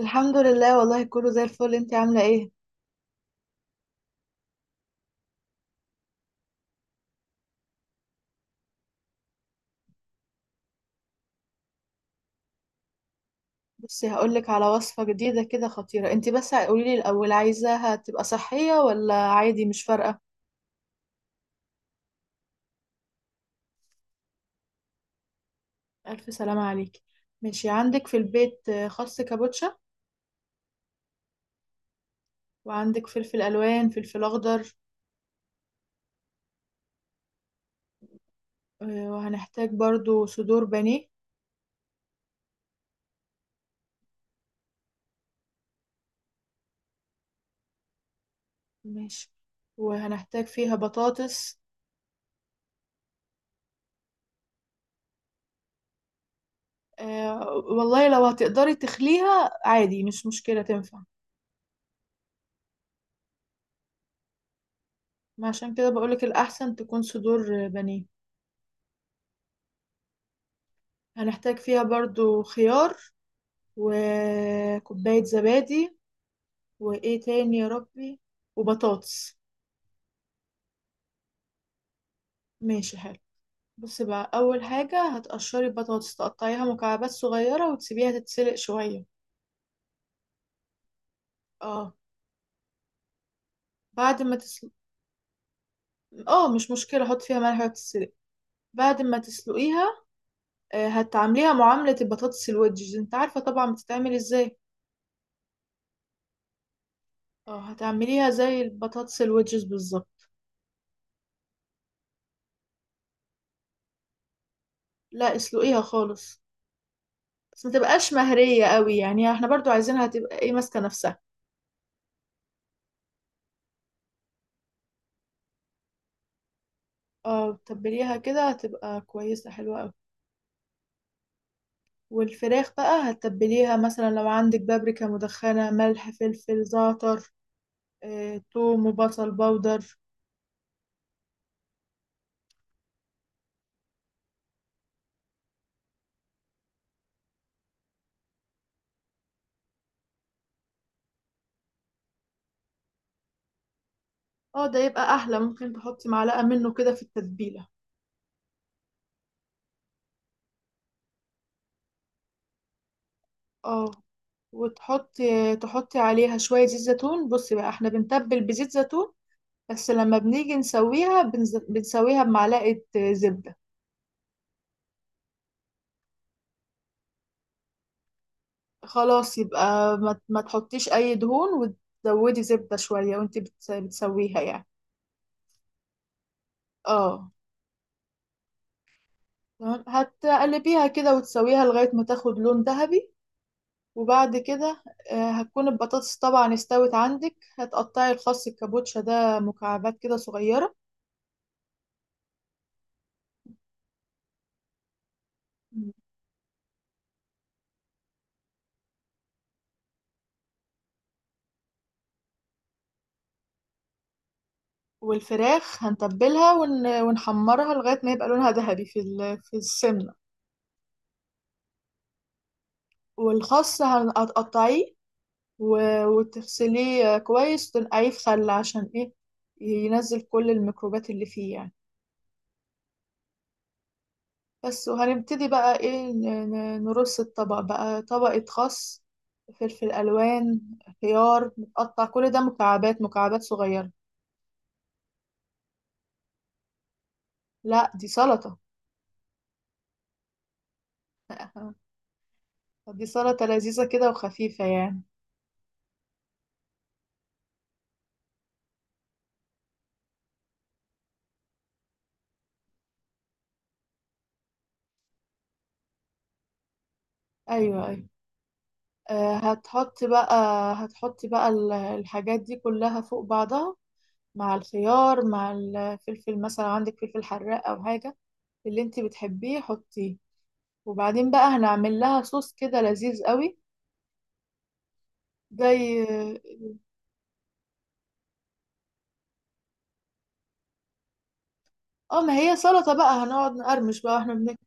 الحمد لله، والله كله زي الفل. انت عاملة ايه؟ بصي هقولك على وصفة جديدة كده خطيرة. انت بس قوليلي الأول، عايزاها تبقى صحية ولا عادي مش فارقة؟ ألف سلامة عليكي. ماشي، عندك في البيت خس كابوتشا؟ وعندك فلفل ألوان، فلفل أخضر؟ وهنحتاج برضو صدور بانيه. ماشي. وهنحتاج فيها بطاطس. والله لو هتقدري تخليها عادي مش مشكلة، تنفع. ما عشان كده بقولك الأحسن تكون صدور بانيه. هنحتاج فيها برضو خيار، وكوباية زبادي، وإيه تاني يا ربي، وبطاطس. ماشي حلو. بصي بقى، أول حاجة هتقشري البطاطس، تقطعيها مكعبات صغيرة وتسيبيها تتسلق شوية. اه بعد ما تسلق. اه مش مشكلة، حط فيها ملح وتتسلق. بعد ما تسلقيها هتعمليها معاملة البطاطس الويدجز، انت عارفة طبعا بتتعمل ازاي. اه هتعمليها زي البطاطس الويدجز بالظبط. لا اسلقيها خالص، بس ما تبقاش مهرية قوي، يعني احنا برضو عايزينها تبقى ايه، ماسكة نفسها. اه تبليها كده هتبقى كويسة حلوة قوي. والفراخ بقى هتتبليها مثلا لو عندك بابريكا مدخنة، ملح، فلفل، زعتر، اه، توم وبصل بودر. اه ده يبقى احلى، ممكن تحطي معلقة منه كده في التتبيلة. اه، وتحطي عليها شوية زيت زيتون. بصي بقى احنا بنتبل بزيت زيتون، بس لما بنيجي نسويها بنسويها بمعلقة زبدة. خلاص يبقى ما تحطيش اي دهون، وتزودي زبدة شوية وانت بتسويها يعني. اه تمام. هتقلبيها كده وتسويها لغاية ما تاخد لون ذهبي، وبعد كده هتكون البطاطس طبعا استوت عندك. هتقطعي الخس الكابوتشا ده مكعبات كده صغيرة. والفراخ ونحمرها لغاية ما يبقى لونها ذهبي في في السمنة. والخس هتقطعيه وتغسليه كويس وتنقعيه في خل، عشان ايه، ينزل كل الميكروبات اللي فيه يعني. بس، وهنبتدي بقى ايه، نرص الطبق بقى. طبقة خس، فلفل ألوان، خيار متقطع، كل ده مكعبات مكعبات صغيرة. لا دي سلطة. دي سلطة لذيذة كده وخفيفة يعني. أيوة أيوة. آه، هتحط بقى هتحط بقى الحاجات دي كلها فوق بعضها، مع الخيار، مع الفلفل. مثلا عندك فلفل حراق أو حاجة اللي انت بتحبيه، حطيه. وبعدين بقى هنعمل لها صوص كده لذيذ قوي زي، اه ما هي سلطة بقى، هنقعد نقرمش بقى واحنا بناكل.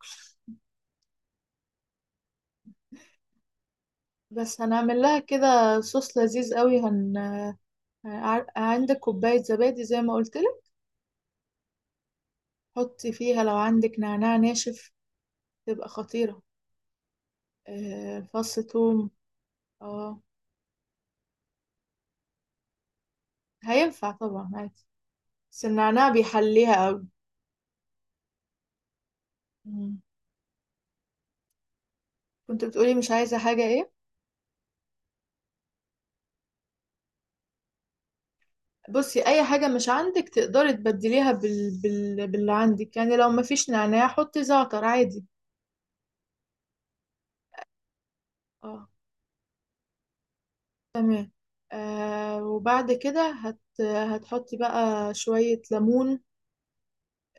بس هنعمل لها كده صوص لذيذ قوي. عندك كوباية زبادي زي ما قلت لك، حطي فيها لو عندك نعناع ناشف تبقى خطيرة، فص ثوم. اه هينفع طبعا عادي، بس النعناع بيحليها قوي. مم. كنت بتقولي مش عايزة حاجة، ايه؟ بصي، اي حاجه مش عندك تقدري تبدليها باللي عندك، يعني لو ما فيش نعناع حطي زعتر عادي. اه تمام. آه وبعد كده هتحطي بقى شويه ليمون،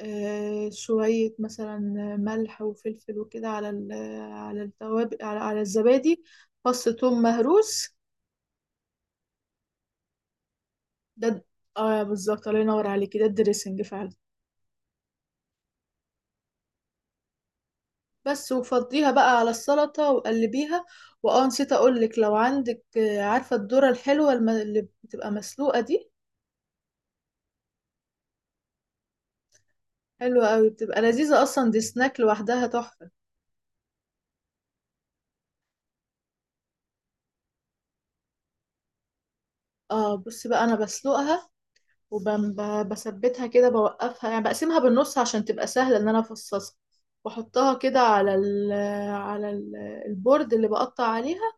آه شويه مثلا ملح وفلفل وكده على على التوابل، على الزبادي، فص ثوم مهروس. ده د- اه بالظبط، الله ينور عليكي، ده الدريسنج فعلا. بس وفضيها بقى على السلطة وقلبيها. واه نسيت اقولك، لو عندك عارفة الذرة الحلوة اللي بتبقى مسلوقة دي، حلوة قوي، بتبقى لذيذة، اصلا دي سناك لوحدها تحفة. اه بصي بقى، انا بسلقها وبثبتها كده، بوقفها يعني، بقسمها بالنص عشان تبقى سهلة ان انا افصصها، واحطها كده على على ال- البورد اللي بقطع عليها،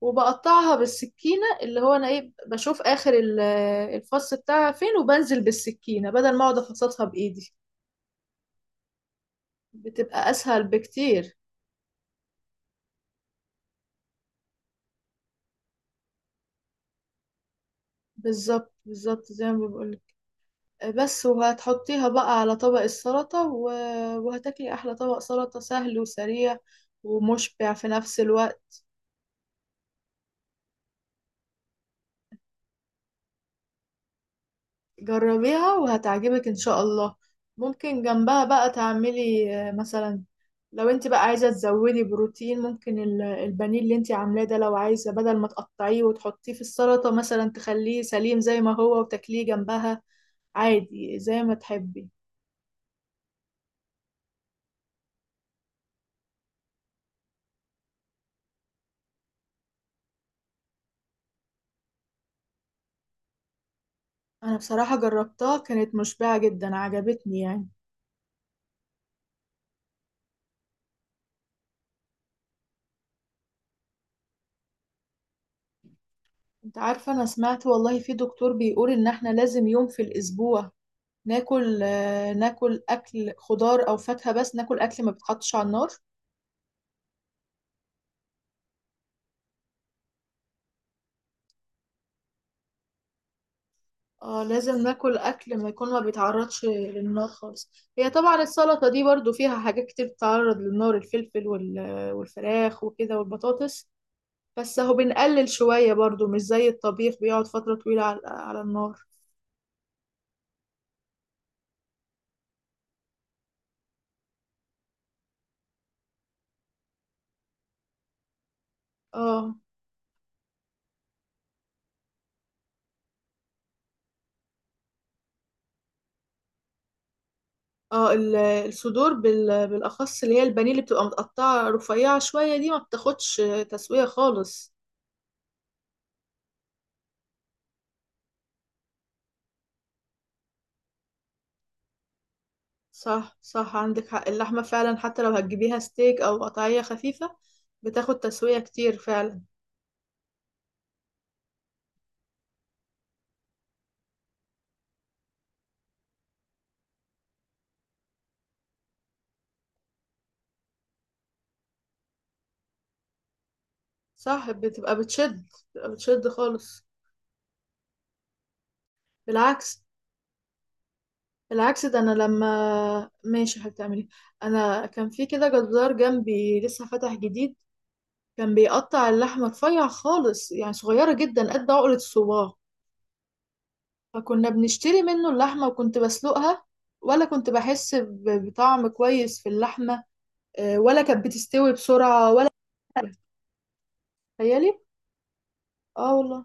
وبقطعها بالسكينة. اللي هو أنا إيه، بشوف آخر الفص بتاعها فين، وبنزل بالسكينة بدل ما أقعد أفصصها بإيدي. بتبقى أسهل بكتير، بالظبط بالظبط زي ما بقولك. بس وهتحطيها بقى على طبق السلطة وهتاكلي أحلى طبق سلطة، سهل وسريع ومشبع في نفس الوقت. جربيها وهتعجبك ان شاء الله. ممكن جنبها بقى تعملي مثلا لو انت بقى عايزة تزودي بروتين، ممكن البانيه اللي انت عاملاه ده، لو عايزة بدل ما تقطعيه وتحطيه في السلطة، مثلا تخليه سليم زي ما هو وتاكليه جنبها عادي، زي ما تحبي. انا بصراحة جربتها، كانت مشبعة جدا، عجبتني يعني. انت عارفة انا سمعت والله في دكتور بيقول ان احنا لازم يوم في الاسبوع ناكل، ناكل اكل خضار او فاكهة، بس ناكل اكل ما بيتحطش على النار. اه لازم ناكل اكل ما يكون ما بيتعرضش للنار خالص. هي طبعا السلطه دي برضو فيها حاجات كتير بتتعرض للنار، الفلفل والفراخ وكده والبطاطس، بس اهو بنقلل شويه برضو، مش زي الطبيخ بيقعد فتره طويله على النار. اه. اه الصدور بالاخص اللي هي البانيه، اللي بتبقى متقطعه رفيعه شويه دي، ما بتاخدش تسويه خالص. صح صح، عندك حق، اللحمه فعلا حتى لو هتجيبيها ستيك او قطعيه خفيفه بتاخد تسويه كتير فعلا. صح بتبقى بتشد، بتبقى بتشد خالص. بالعكس، بالعكس ده انا لما ماشي هتعملي. انا كان في كده جزار جنبي لسه فتح جديد، كان بيقطع اللحمه رفيع خالص يعني صغيره جدا قد عقله الصباع، فكنا بنشتري منه اللحمه وكنت بسلقها، ولا كنت بحس بطعم كويس في اللحمه، ولا كانت بتستوي بسرعه ولا. تخيلي. اه والله.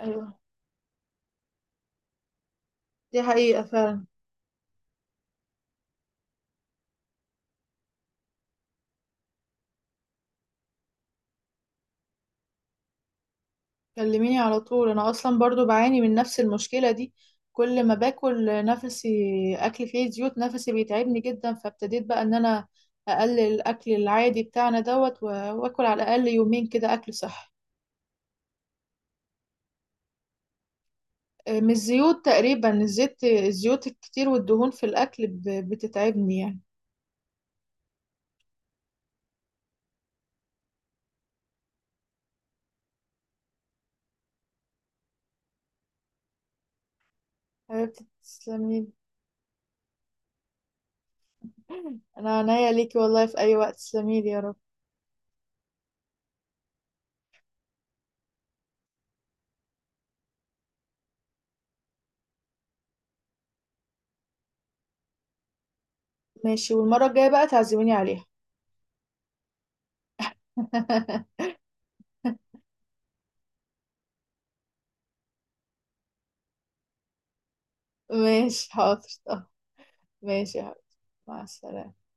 ايوه دي حقيقه فعلا. كلميني على طول، انا اصلا برضو بعاني من نفس المشكله دي. كل ما باكل نفسي اكل فيه زيوت نفسي بيتعبني جدا، فابتديت بقى ان انا اقلل الاكل العادي بتاعنا دوت واكل على الاقل يومين كده اكل صحي. من الزيوت تقريبا، الزيت الزيوت الكتير والدهون في الاكل بتتعبني يعني. حبيبتي تسلميلي. انا عنيا ليكي والله في اي وقت، تسلميلي يا رب. ماشي، والمره الجايه بقى تعزميني عليها. ماشي حاضر. ماشي يا حبيبي، مع السلامة.